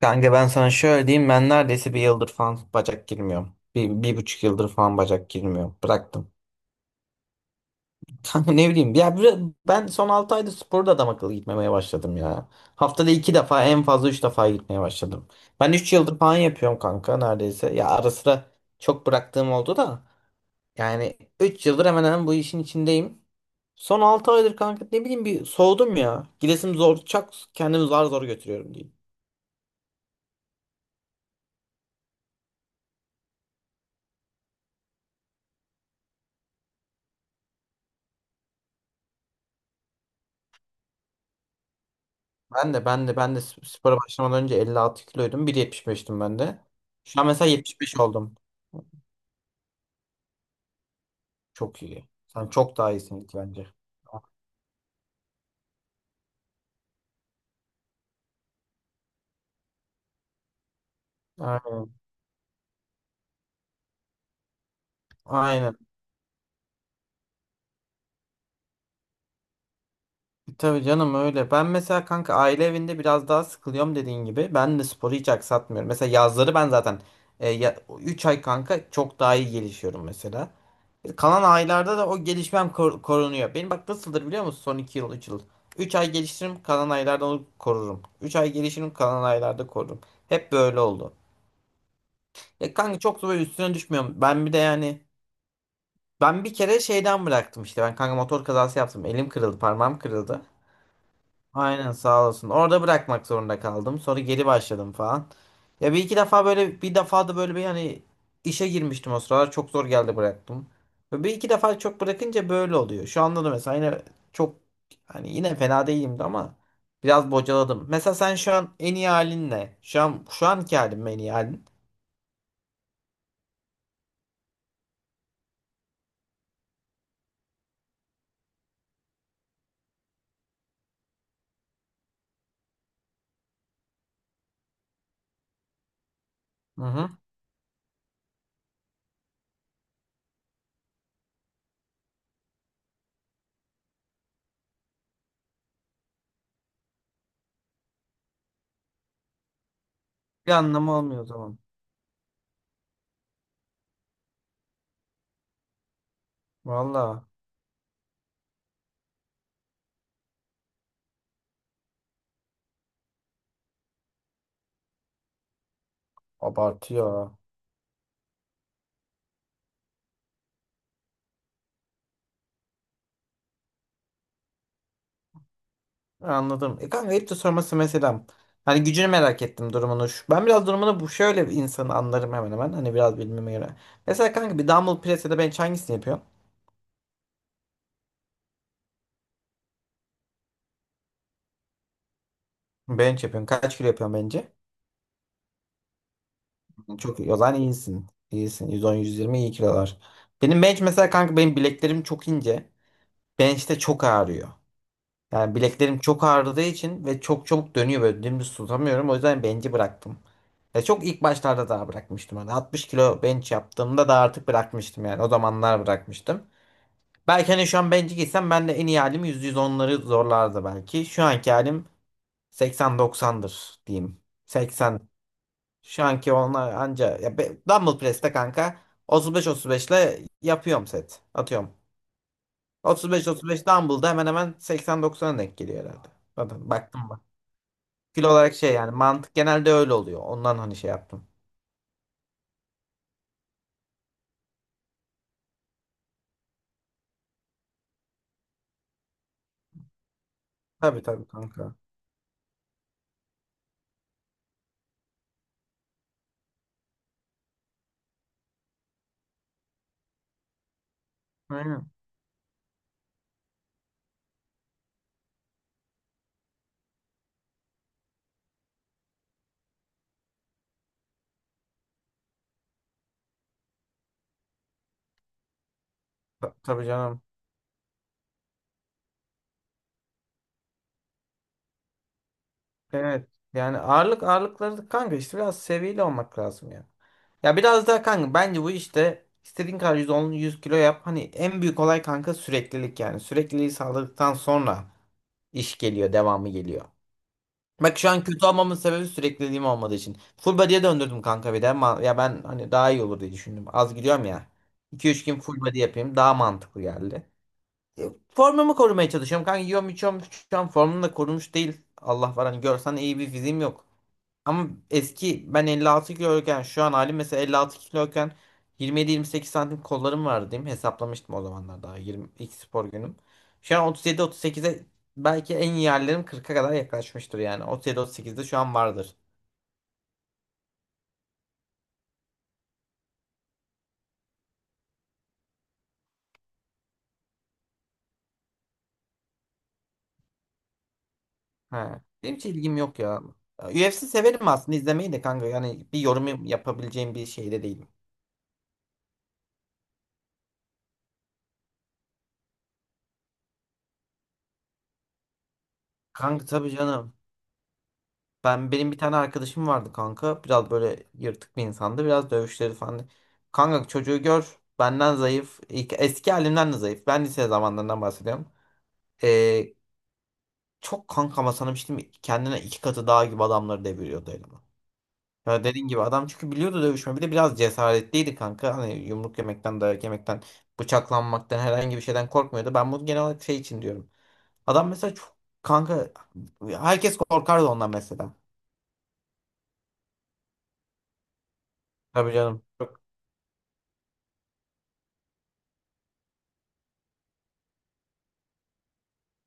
Kanka ben sana şöyle diyeyim ben neredeyse bir yıldır falan bacak girmiyorum. Bir buçuk yıldır falan bacak girmiyorum. Bıraktım. Kanka ne bileyim ya ben son 6 ayda sporda adam akıllı gitmemeye başladım ya. Haftada 2 defa en fazla 3 defa gitmeye başladım. Ben 3 yıldır falan yapıyorum kanka neredeyse. Ya ara sıra çok bıraktığım oldu da. Yani 3 yıldır hemen hemen bu işin içindeyim. Son 6 aydır kanka ne bileyim bir soğudum ya. Gidesim zor çak kendimi zar zor götürüyorum diyeyim. Ben de spora başlamadan önce 56 kiloydum. 1.75'tim ben de. Şu an mesela 75 oldum. Çok iyi. Sen çok daha iyisin ilk bence. Aynen. Aynen. Tabii canım öyle. Ben mesela kanka aile evinde biraz daha sıkılıyorum dediğin gibi. Ben de sporu hiç aksatmıyorum. Mesela yazları ben zaten 3 ay kanka çok daha iyi gelişiyorum mesela. Kalan aylarda da o gelişmem korunuyor. Benim bak nasıldır biliyor musun son 2 yıl 3 yıl. Üç ay geliştiririm kalan aylarda onu korurum. 3 ay gelişirim kalan aylarda korurum. Hep böyle oldu. Ya kanka çok da böyle üstüne düşmüyorum. Ben bir de yani ben bir kere şeyden bıraktım işte. Ben kanka motor kazası yaptım. Elim kırıldı, parmağım kırıldı. Aynen sağ olasın. Orada bırakmak zorunda kaldım. Sonra geri başladım falan. Ya bir iki defa böyle bir defa da böyle bir hani işe girmiştim o sıralar. Çok zor geldi bıraktım. Ve bir iki defa çok bırakınca böyle oluyor. Şu anda da mesela yine çok hani yine fena değilimdi ama biraz bocaladım. Mesela sen şu an en iyi halin ne? Şu an şu anki halin mi en iyi halin? Hı hı. Bir anlamı olmuyor o zaman. Valla abartıyor. Anladım. Kanka hep de sorması mesela, hani gücünü merak ettim durumunu. Ben biraz durumunu bu şöyle bir insanı anlarım hemen hemen. Hani biraz bilmeme göre. Mesela kanka bir dumbbell press ya da bench hangisini yapıyorsun? Bench yapıyorsun. Kaç kilo yapıyorsun bence? Çok iyi. O zaman iyisin. İyisin. 110-120 iyi kilolar. Benim bench mesela kanka benim bileklerim çok ince. Bench'te çok ağrıyor. Yani bileklerim çok ağrıdığı için ve çok çabuk dönüyor böyle dümdüz tutamıyorum. O yüzden bench'i bıraktım. Ya çok ilk başlarda daha bırakmıştım. Hani 60 kilo bench yaptığımda da artık bırakmıştım yani. O zamanlar bırakmıştım. Belki hani şu an bench'e gitsem ben de en iyi halim 100-110'ları zorlardı belki. Şu anki halim 80-90'dır diyeyim. 80. Şu anki onlar anca. Ya dumbbell press'te kanka 35-35 ile yapıyorum set. Atıyorum. 35-35 dumbbell'da hemen hemen 80-90'a denk geliyor herhalde. Zaten baktım. Fil olarak şey yani mantık genelde öyle oluyor. Ondan hani şey yaptım. Tabii tabii kanka. Aynen. Tabii canım. Evet. Yani ağırlık ağırlıkları kanka işte biraz seviyeli olmak lazım ya. Ya biraz daha kanka bence bu işte istediğin kadar 110 100 kilo yap. Hani en büyük olay kanka süreklilik yani. Sürekliliği sağladıktan sonra iş geliyor, devamı geliyor. Bak şu an kötü olmamın sebebi sürekliliğim olmadığı için. Full body'ye döndürdüm kanka bir de. Ya ben hani daha iyi olur diye düşündüm. Az gidiyorum ya. İki üç gün full body yapayım. Daha mantıklı geldi. Formumu korumaya çalışıyorum. Kanka yiyorum içiyorum. Şu an formum da korumuş değil. Allah var hani görsen iyi bir fiziğim yok. Ama eski ben 56 kiloyken şu an halim mesela 56 kiloyken 27-28 santim kollarım vardı diyeyim. Hesaplamıştım o zamanlar daha 20 ilk spor günüm. Şu an 37-38'e belki en iyi yerlerim 40'a kadar yaklaşmıştır yani. 37-38'de şu an vardır. Ha. Benim hiç ilgim yok ya. UFC severim aslında izlemeyi de kanka. Yani bir yorum yapabileceğim bir şeyde değilim. Kanka tabii canım. Ben benim bir tane arkadaşım vardı kanka. Biraz böyle yırtık bir insandı. Biraz dövüşleri falan. Kanka çocuğu gör. Benden zayıf. Eski halimden de zayıf. Ben lise zamanlarından bahsediyorum. Ee, çok kanka ama sana bir şey diyeyim mi? Kendine iki katı daha gibi adamları deviriyordu elime. Ya dediğin gibi adam çünkü biliyordu dövüşme. Bir de biraz cesaretliydi kanka. Hani yumruk yemekten, dayak yemekten, bıçaklanmaktan herhangi bir şeyden korkmuyordu. Ben bunu genel olarak şey için diyorum. Adam mesela çok kanka herkes korkardı ondan mesela. Tabii canım.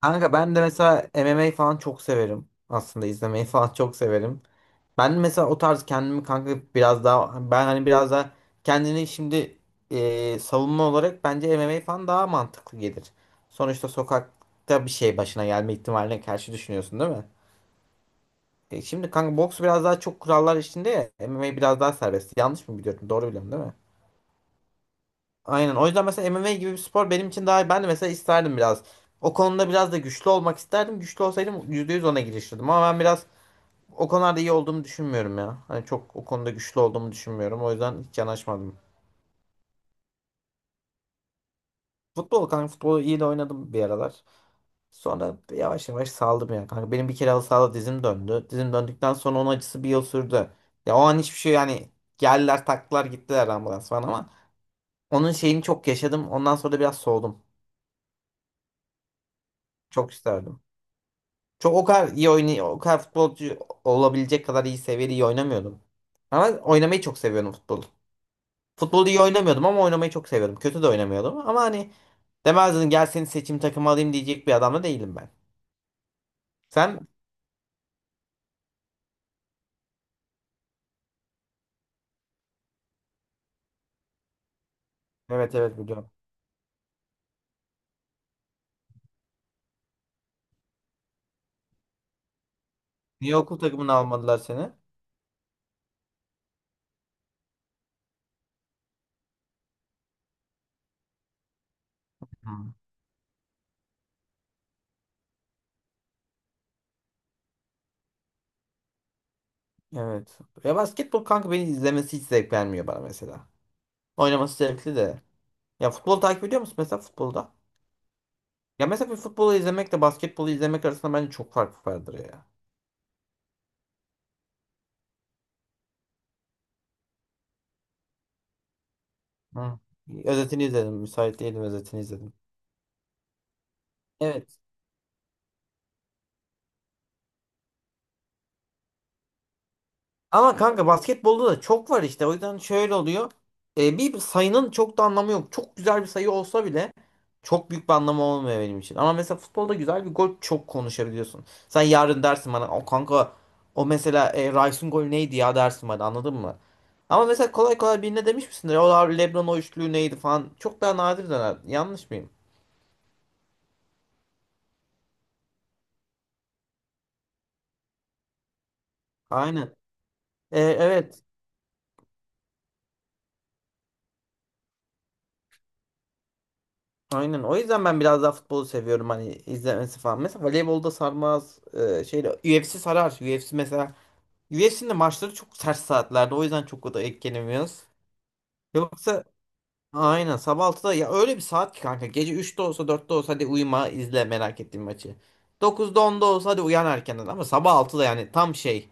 Kanka ben de mesela MMA falan çok severim. Aslında izlemeyi falan çok severim. Ben mesela o tarz kendimi kanka biraz daha ben hani biraz daha kendini şimdi savunma olarak bence MMA falan daha mantıklı gelir. Sonuçta sokakta bir şey başına gelme ihtimaline karşı düşünüyorsun değil mi? Şimdi kanka boks biraz daha çok kurallar içinde ya MMA biraz daha serbest. Yanlış mı biliyorum? Doğru biliyorum değil mi? Aynen. O yüzden mesela MMA gibi bir spor benim için daha ben de mesela isterdim biraz. O konuda biraz da güçlü olmak isterdim. Güçlü olsaydım %100 ona girişirdim. Ama ben biraz o konularda iyi olduğumu düşünmüyorum ya. Hani çok o konuda güçlü olduğumu düşünmüyorum. O yüzden hiç yanaşmadım. Futbol kanka futbolu iyi de oynadım bir aralar. Sonra yavaş yavaş saldım ya kanka. Benim bir kere halı sahada dizim döndü. Dizim döndükten sonra onun acısı bir yıl sürdü. Ya o an hiçbir şey yani geldiler taktılar gittiler ambulans falan ama onun şeyini çok yaşadım. Ondan sonra da biraz soğudum. Çok isterdim. Çok o kadar iyi oynay o kadar futbolcu olabilecek kadar iyi seviyede iyi oynamıyordum. Ama oynamayı çok seviyordum futbol. Futbolu iyi oynamıyordum ama oynamayı çok seviyordum. Kötü de oynamıyordum ama hani demezdin gel seni seçim takımı alayım diyecek bir adam da değilim ben. Sen? Evet evet biliyorum. Niye okul takımını almadılar seni? Hı. Evet. Ya basketbol kanka beni izlemesi hiç zevk vermiyor bana mesela. Oynaması zevkli de. Ya futbol takip ediyor musun mesela futbolda? Ya mesela bir futbolu izlemekle basketbolu izlemek arasında bence çok fark vardır ya. Hı. Özetini izledim. Müsait değilim özetini izledim. Evet. Ama kanka basketbolda da çok var işte. O yüzden şöyle oluyor. Bir sayının çok da anlamı yok. Çok güzel bir sayı olsa bile çok büyük bir anlamı olmuyor benim için. Ama mesela futbolda güzel bir gol çok konuşabiliyorsun. Sen yarın dersin bana o kanka o mesela Rice'ın golü neydi ya dersin bana anladın mı? Ama mesela kolay kolay birine demiş misindir? O LeBron o üçlüğü neydi falan. Çok daha nadir döner. Yanlış mıyım? Aynen. Evet. Aynen. O yüzden ben biraz daha futbolu seviyorum hani izlemesi falan. Mesela voleybolda sarmaz. Şeyle UFC sarar. UFC mesela UFC'nin de maçları çok ters saatlerde. O yüzden çok da etkilenemiyoruz. Yoksa aynen sabah altıda ya öyle bir saat ki kanka. Gece 3'te olsa 4'te olsa hadi uyuma izle merak ettiğin maçı. 9'da 10'da olsa hadi uyan erkenden ama sabah altıda yani tam şey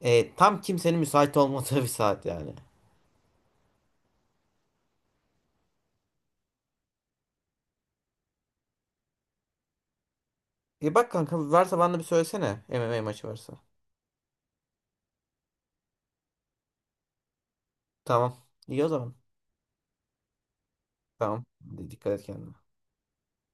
tam kimsenin müsait olmadığı bir saat yani. Bak kanka varsa bana da bir söylesene MMA maçı varsa. Tamam. İyi o zaman. Tamam. Dikkat et kendine.